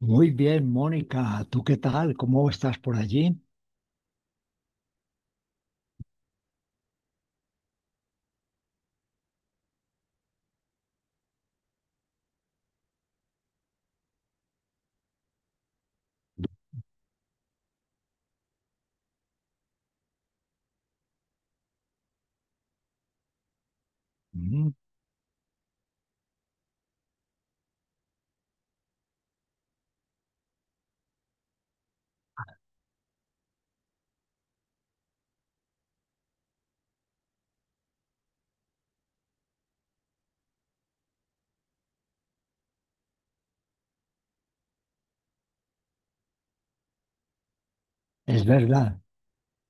Muy bien, Mónica, ¿tú qué tal? ¿Cómo estás por allí? Mm, es verdad,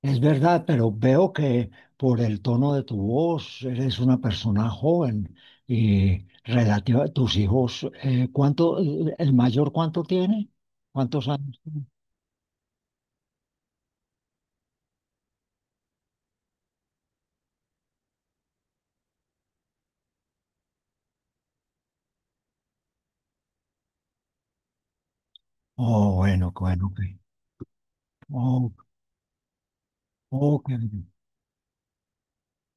es verdad, pero veo que por el tono de tu voz eres una persona joven y relativa a tus hijos. ¿El mayor cuánto tiene? ¿Cuántos años tiene? Oh, bueno, bueno, ok. Oh, ok.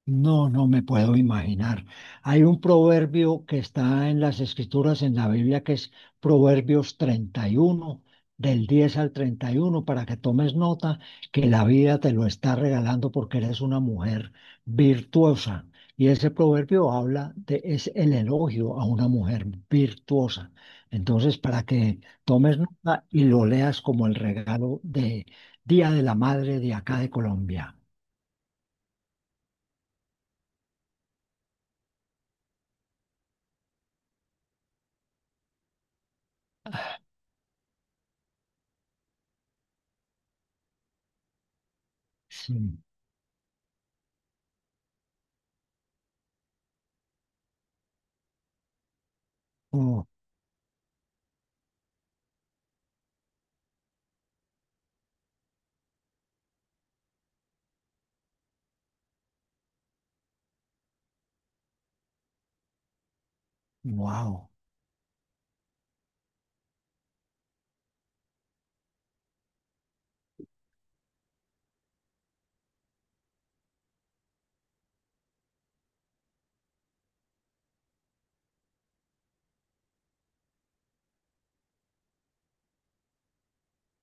No, no me puedo imaginar. Hay un proverbio que está en las escrituras en la Biblia que es Proverbios 31 del 10 al 31, para que tomes nota que la vida te lo está regalando porque eres una mujer virtuosa. Y ese proverbio es el elogio a una mujer virtuosa. Entonces, para que tomes nota y lo leas como el regalo de Día de la Madre de acá de Colombia. Sí. Oh. Wow.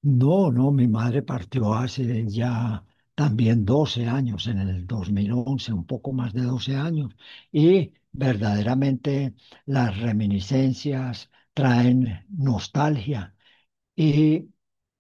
No, no, mi madre partió hace ya también 12 años, en el 2011, un poco más de 12 años, y verdaderamente las reminiscencias traen nostalgia. Y,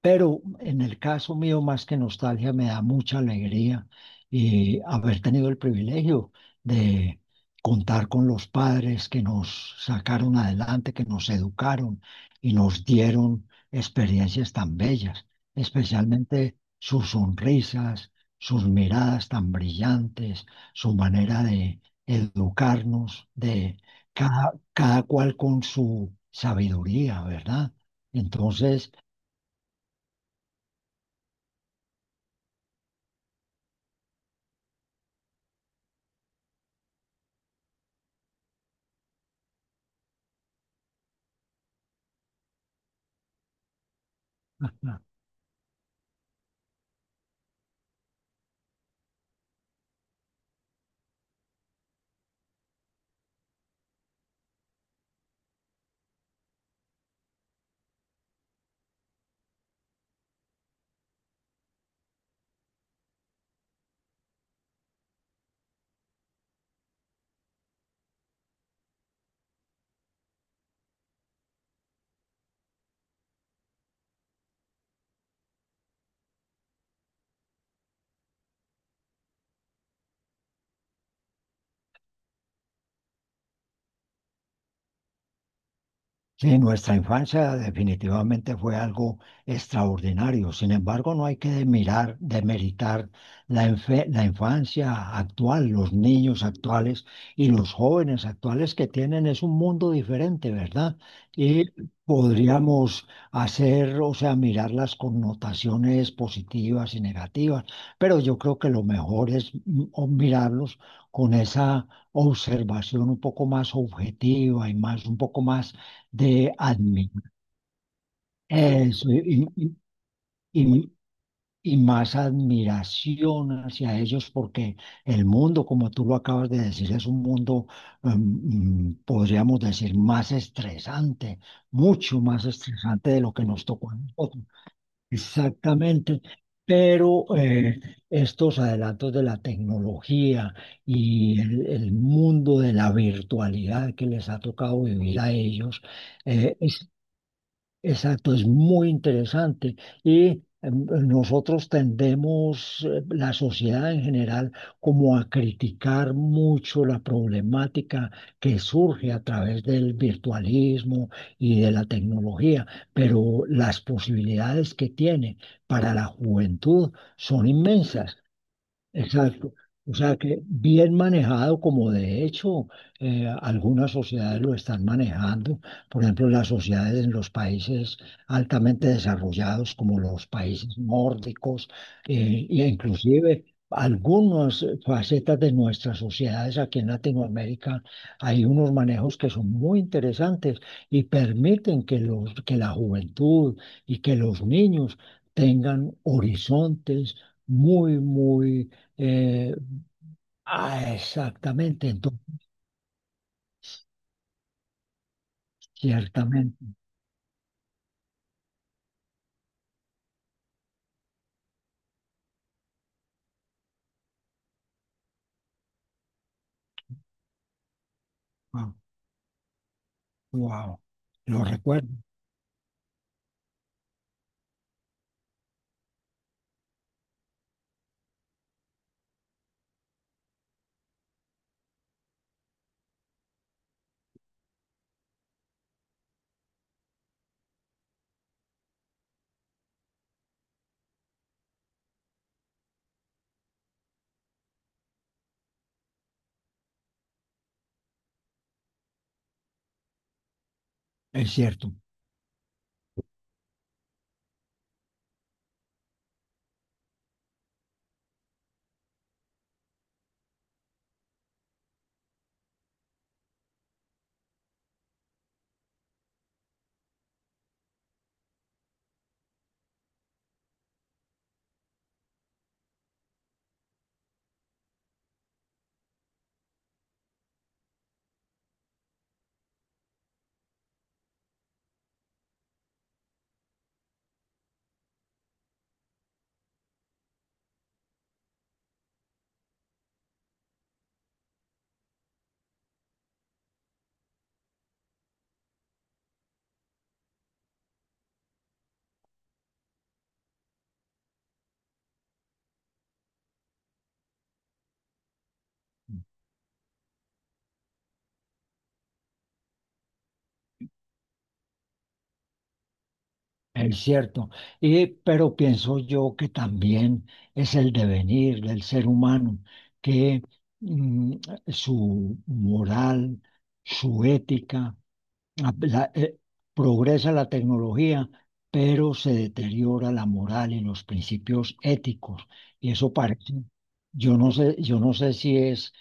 pero en el caso mío, más que nostalgia, me da mucha alegría haber tenido el privilegio de contar con los padres que nos sacaron adelante, que nos educaron y nos dieron experiencias tan bellas, especialmente sus sonrisas, sus miradas tan brillantes, su manera de educarnos, de cada cual con su sabiduría, ¿verdad? Entonces. Sí, nuestra infancia definitivamente fue algo extraordinario. Sin embargo, no hay que demeritar la infancia actual, los niños actuales y los jóvenes actuales, que tienen es un mundo diferente, ¿verdad? Y podríamos hacer, o sea, mirar las connotaciones positivas y negativas, pero yo creo que lo mejor es o mirarlos con esa observación un poco más objetiva y más, un poco más de eso, y- y más admiración hacia ellos porque el mundo, como tú lo acabas de decir, es un mundo, em, podríamos decir, más estresante, mucho más estresante de lo que nos tocó a nosotros. Exactamente. Pero estos adelantos de la tecnología y el mundo de la virtualidad que les ha tocado vivir a ellos, es Exacto, es muy interesante. Y nosotros tendemos, la sociedad en general, como a criticar mucho la problemática que surge a través del virtualismo y de la tecnología, pero las posibilidades que tiene para la juventud son inmensas. Exacto. O sea que bien manejado, como de hecho algunas sociedades lo están manejando, por ejemplo, las sociedades en los países altamente desarrollados como los países nórdicos, e inclusive algunas facetas de nuestras sociedades aquí en Latinoamérica, hay unos manejos que son muy interesantes y permiten que que la juventud y que los niños tengan horizontes muy, muy eh, ah, exactamente, entonces, ciertamente. Wow, lo recuerdo. Es cierto, es cierto. Pero pienso yo que también es el devenir del ser humano, que mm, su moral, su ética, la- la- eh, progresa la tecnología, pero se deteriora la moral y los principios éticos. Y eso parece, yo no sé, si es,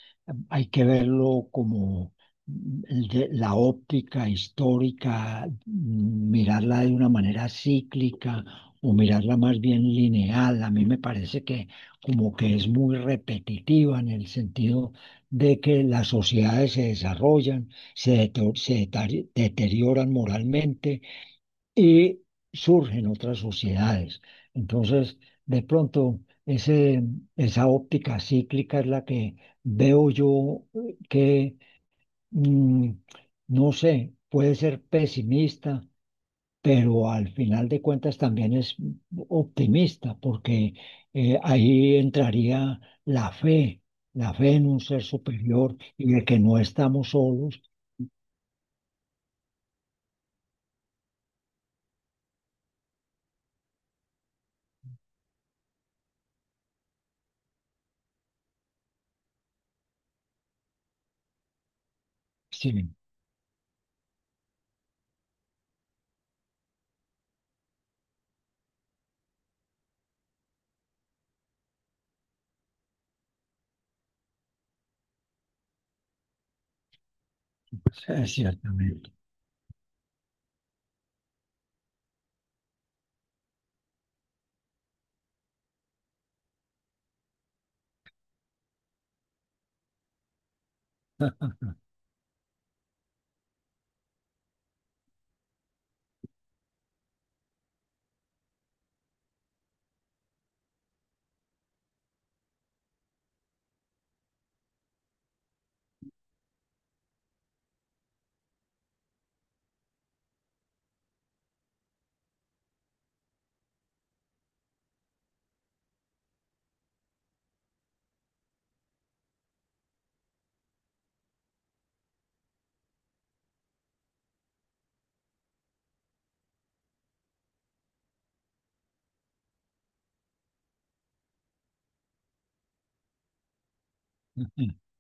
hay que verlo como, la óptica histórica, mirarla de una manera cíclica o mirarla más bien lineal. A mí me parece que como que es muy repetitiva, en el sentido de que las sociedades se desarrollan, se deterioran moralmente y surgen otras sociedades. Entonces, de pronto, ese, esa óptica cíclica es la que veo yo, que, mm, no sé, puede ser pesimista, pero al final de cuentas también es optimista, porque ahí entraría la fe, la fe en un ser superior y de que no estamos solos. Sí, sí, ciertamente.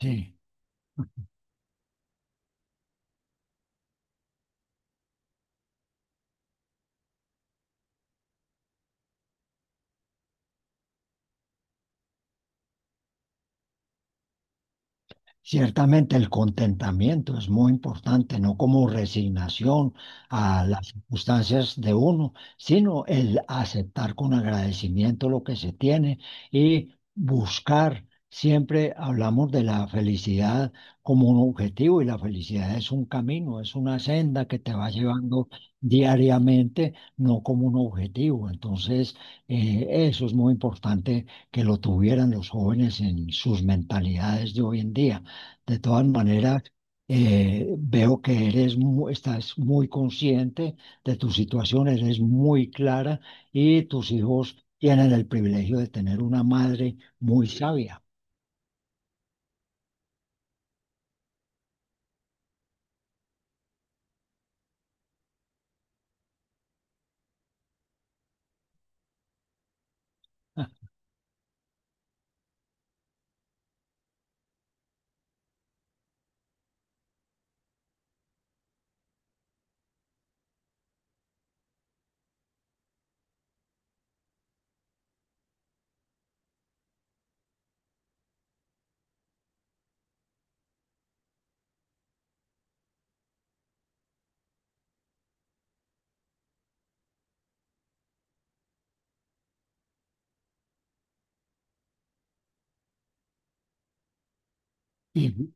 Sí. Ciertamente el contentamiento es muy importante, no como resignación a las circunstancias de uno, sino el aceptar con agradecimiento lo que se tiene y buscar. Siempre hablamos de la felicidad como un objetivo, y la felicidad es un camino, es una senda que te va llevando diariamente, no como un objetivo. Entonces, eso es muy importante que lo tuvieran los jóvenes en sus mentalidades de hoy en día. De todas maneras, veo que estás muy consciente de tu situación, eres muy clara y tus hijos tienen el privilegio de tener una madre muy sabia. Y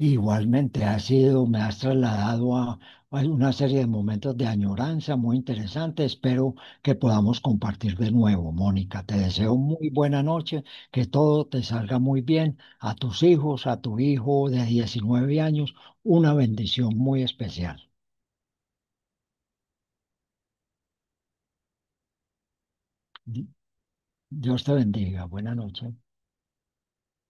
Igualmente, me has trasladado a, una serie de momentos de añoranza muy interesantes. Espero que podamos compartir de nuevo, Mónica. Te deseo muy buena noche, que todo te salga muy bien. A tus hijos, a tu hijo de 19 años, una bendición muy especial. Di- Dios te bendiga. Buena noche.